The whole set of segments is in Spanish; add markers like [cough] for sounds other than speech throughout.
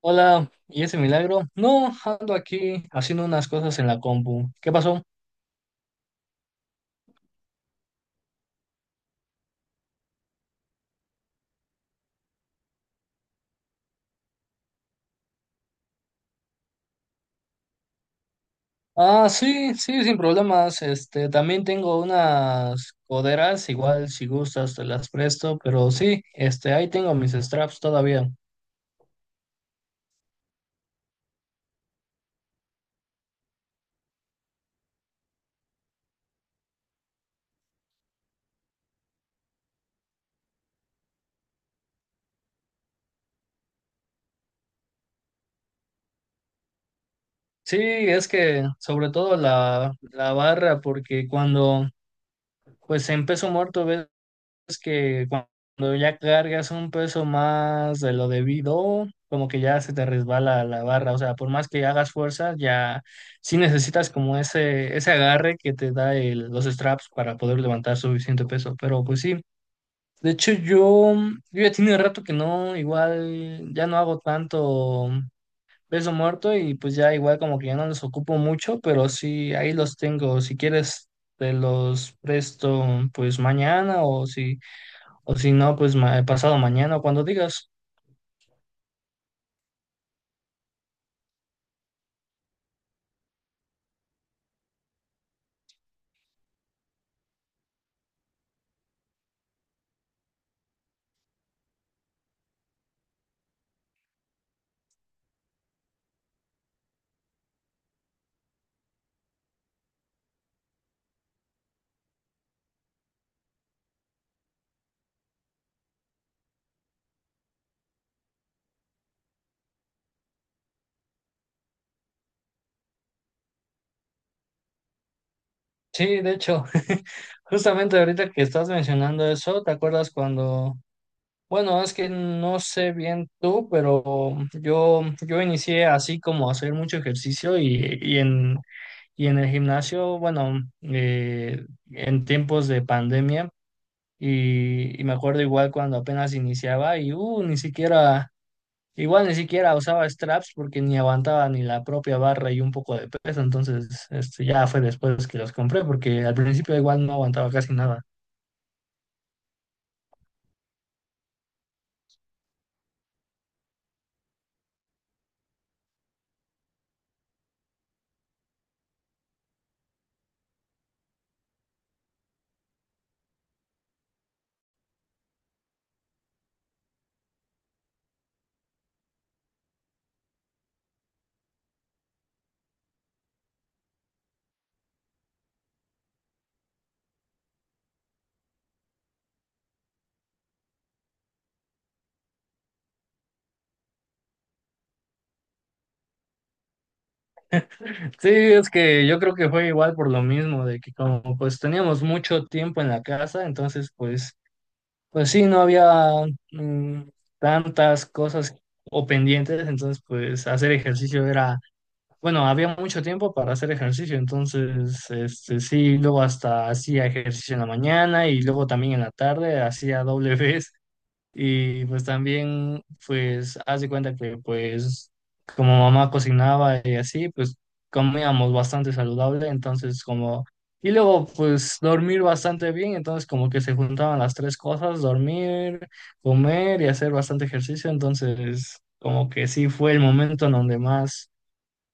Hola, ¿y ese milagro? No, ando aquí haciendo unas cosas en la compu. ¿Qué pasó? Ah, sí, sí, sin problemas. También tengo unas coderas, igual si gustas te las presto, pero sí, ahí tengo mis straps todavía. Sí, es que sobre todo la barra, porque cuando pues en peso muerto ves, es que cuando ya cargas un peso más de lo debido, como que ya se te resbala la barra, o sea, por más que hagas fuerza, ya sí necesitas como ese agarre que te da los straps para poder levantar suficiente peso, pero pues sí. De hecho, yo ya tiene rato que no, igual ya no hago tanto peso muerto y pues ya igual como que ya no los ocupo mucho, pero sí, ahí los tengo. Si quieres, te los presto pues mañana, o si no, pues pasado mañana, cuando digas. Sí, de hecho, [laughs] justamente ahorita que estás mencionando eso, ¿te acuerdas cuando... Bueno, es que no sé bien tú, pero yo inicié así como a hacer mucho ejercicio y en el gimnasio, bueno, en tiempos de pandemia, y me acuerdo igual cuando apenas iniciaba y ni siquiera... Igual ni siquiera usaba straps porque ni aguantaba ni la propia barra y un poco de peso, entonces ya fue después que los compré porque al principio igual no aguantaba casi nada. Sí, es que yo creo que fue igual por lo mismo, de que como pues teníamos mucho tiempo en la casa, entonces pues, pues sí, no había mm, tantas cosas o pendientes, entonces pues hacer ejercicio era... Bueno, había mucho tiempo para hacer ejercicio, entonces, sí, luego hasta hacía ejercicio en la mañana y luego también en la tarde hacía doble [laughs] vez. Y pues también, pues, haz de cuenta que pues como mamá cocinaba y así, pues comíamos bastante saludable, entonces como, y luego pues dormir bastante bien, entonces como que se juntaban las tres cosas: dormir, comer y hacer bastante ejercicio, entonces como que sí fue el momento en donde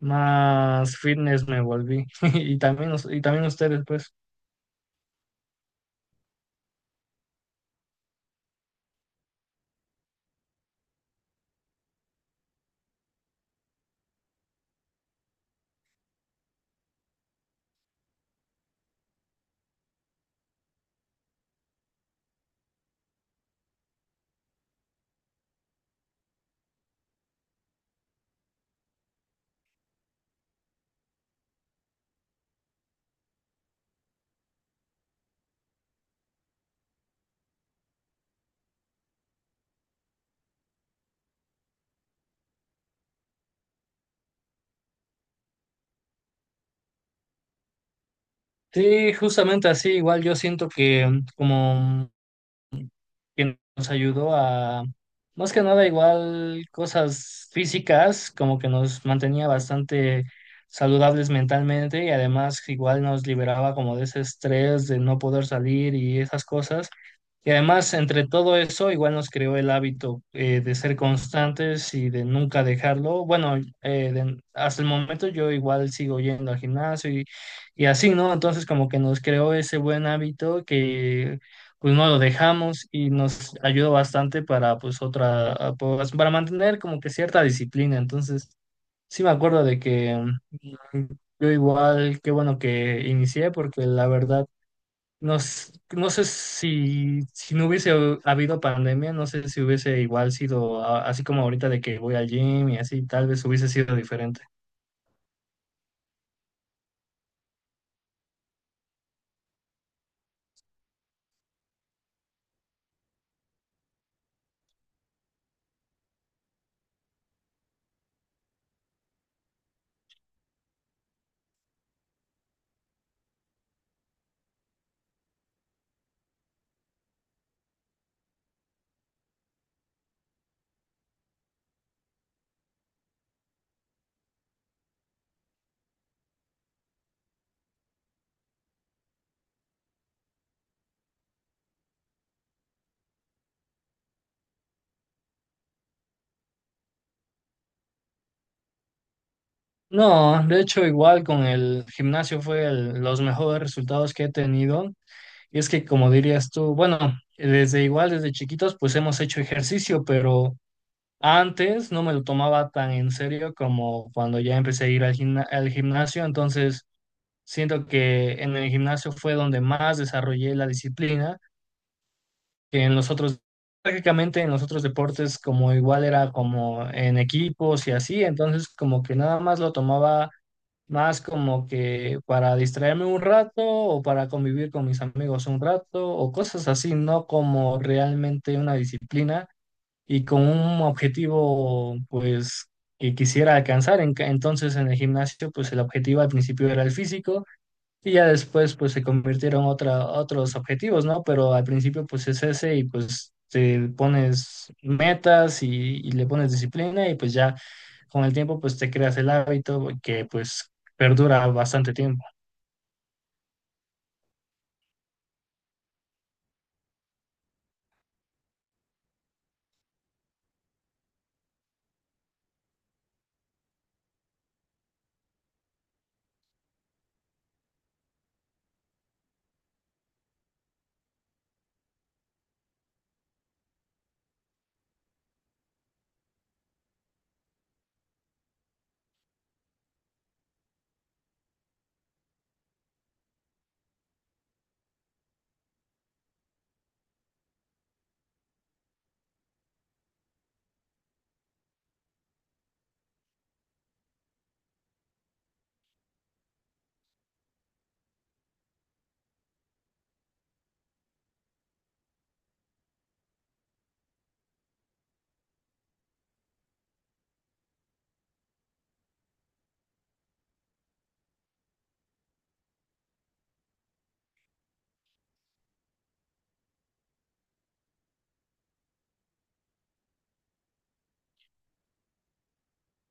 más fitness me volví. [laughs] Y también, y también ustedes, pues. Sí, justamente así, igual yo siento que como que nos ayudó a, más que nada igual cosas físicas, como que nos mantenía bastante saludables mentalmente y además igual nos liberaba como de ese estrés de no poder salir y esas cosas. Y además, entre todo eso, igual nos creó el hábito de ser constantes y de nunca dejarlo. Bueno, hasta el momento yo igual sigo yendo al gimnasio y así, ¿no? Entonces, como que nos creó ese buen hábito que pues no lo dejamos y nos ayudó bastante para pues pues, para mantener como que cierta disciplina. Entonces, sí me acuerdo de que mm, yo igual, qué bueno que inicié porque la verdad no, no sé si, si no hubiese habido pandemia, no sé si hubiese igual sido así como ahorita de que voy al gym y así, tal vez hubiese sido diferente. No, de hecho igual con el gimnasio fue los mejores resultados que he tenido. Y es que como dirías tú, bueno, desde igual, desde chiquitos, pues hemos hecho ejercicio, pero antes no me lo tomaba tan en serio como cuando ya empecé a ir al al gimnasio, entonces... Siento que en el gimnasio fue donde más desarrollé la disciplina, que en los otros, prácticamente en los otros deportes como igual era como en equipos y así, entonces como que nada más lo tomaba más como que para distraerme un rato o para convivir con mis amigos un rato o cosas así, no como realmente una disciplina y con un objetivo pues que quisiera alcanzar. Entonces en el gimnasio pues el objetivo al principio era el físico. Y ya después pues se convirtieron otros objetivos, ¿no? Pero al principio pues es ese y pues te pones metas y le pones disciplina y pues ya con el tiempo pues te creas el hábito que pues perdura bastante tiempo.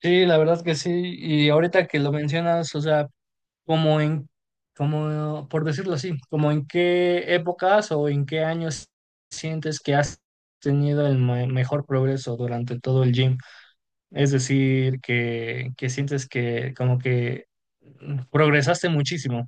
Sí, la verdad que sí. Y ahorita que lo mencionas, o sea, como en, como, por decirlo así, como en qué épocas o en qué años sientes que has tenido el mejor progreso durante todo el gym. Es decir, que sientes que como que progresaste muchísimo.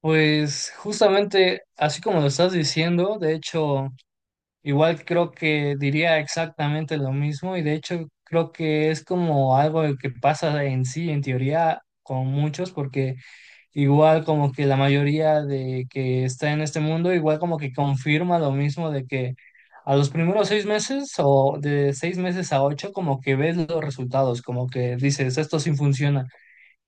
Pues justamente así como lo estás diciendo, de hecho, igual creo que diría exactamente lo mismo y de hecho creo que es como algo que pasa en sí, en teoría, con muchos, porque... igual como que la mayoría de que está en este mundo, igual como que confirma lo mismo de que a los primeros 6 meses o de 6 meses a ocho, como que ves los resultados, como que dices, esto sí funciona.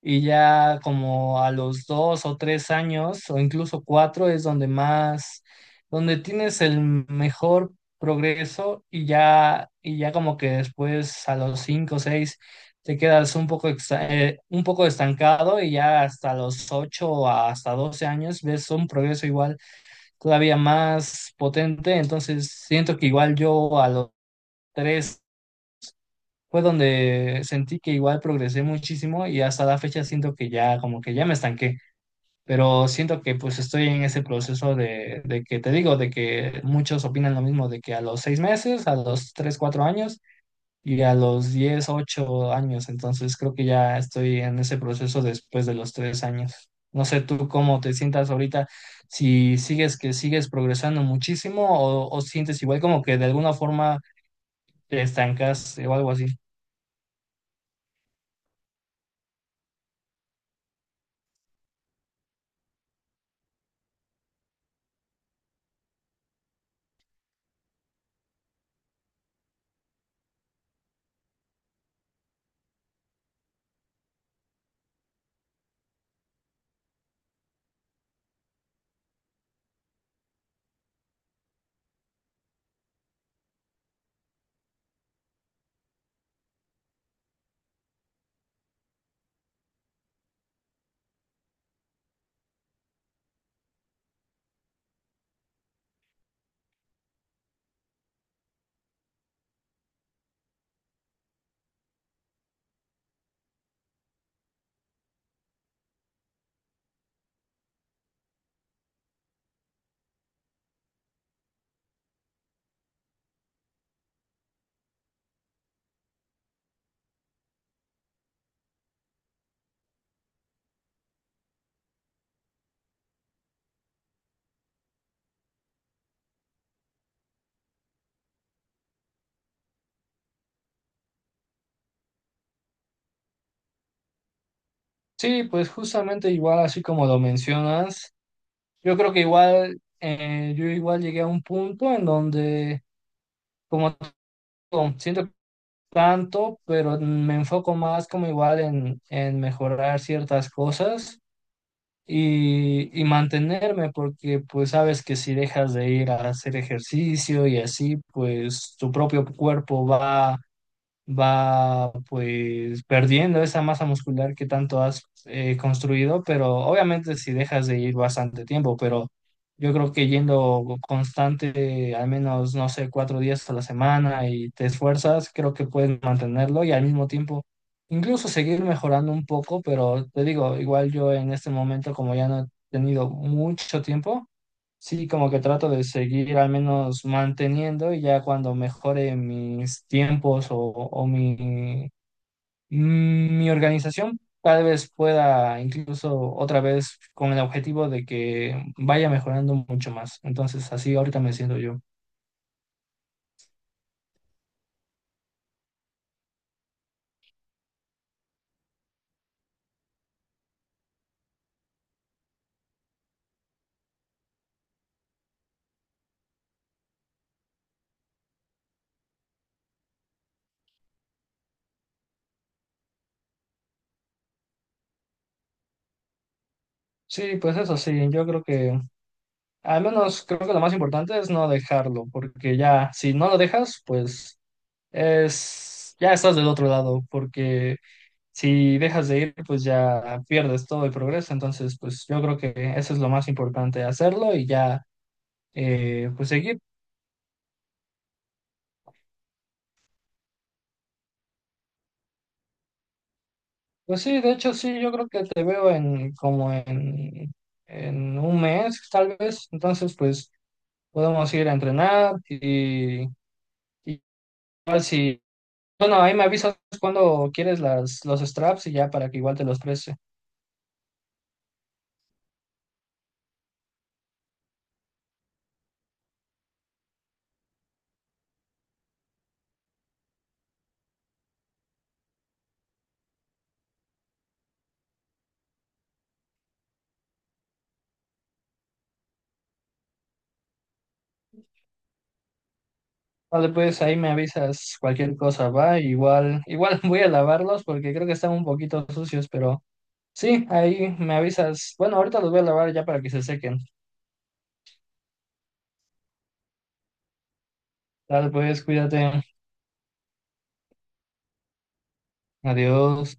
Y ya como a los 2 o 3 años, o incluso cuatro, es donde más, donde tienes el mejor progreso y ya como que después a los cinco o seis te quedas un poco, un poco estancado y ya hasta los ocho o hasta 12 años ves un progreso igual todavía más potente. Entonces siento que igual yo a los tres fue donde sentí que igual progresé muchísimo y hasta la fecha siento que ya como que ya me estanqué, pero siento que pues estoy en ese proceso de que te digo, de que muchos opinan lo mismo, de que a los 6 meses, a los 3, 4 años y a los 10, 8 años, entonces creo que ya estoy en ese proceso después de los 3 años. No sé tú cómo te sientas ahorita, si sigues que sigues progresando muchísimo o sientes igual como que de alguna forma te estancas o algo así. Sí, pues justamente igual así como lo mencionas, yo creo que igual, yo igual llegué a un punto en donde, como te digo, siento tanto, pero me enfoco más como igual en mejorar ciertas cosas y mantenerme, porque pues sabes que si dejas de ir a hacer ejercicio y así, pues tu propio cuerpo va pues perdiendo esa masa muscular que tanto has construido, pero obviamente si dejas de ir bastante tiempo, pero yo creo que yendo constante, al menos, no sé, 4 días a la semana y te esfuerzas, creo que puedes mantenerlo y al mismo tiempo incluso seguir mejorando un poco, pero te digo, igual yo en este momento como ya no he tenido mucho tiempo, sí, como que trato de seguir al menos manteniendo y ya cuando mejore mis tiempos o mi organización, tal vez pueda incluso otra vez con el objetivo de que vaya mejorando mucho más. Entonces, así ahorita me siento yo. Sí, pues eso sí, yo creo que al menos creo que lo más importante es no dejarlo, porque ya si no lo dejas, pues es ya estás del otro lado, porque si dejas de ir, pues ya pierdes todo el progreso. Entonces, pues yo creo que eso es lo más importante, hacerlo y ya, pues seguir. Pues sí, de hecho, sí, yo creo que te veo en en 1 mes, tal vez. Entonces, pues podemos ir a entrenar y igual si, bueno, ahí me avisas cuando quieres los straps y ya para que igual te los preste. Vale, pues ahí me avisas cualquier cosa, va. Igual, igual [laughs] voy a lavarlos porque creo que están un poquito sucios, pero... Sí, ahí me avisas. Bueno, ahorita los voy a lavar ya para que se sequen. Dale, pues, cuídate. Adiós.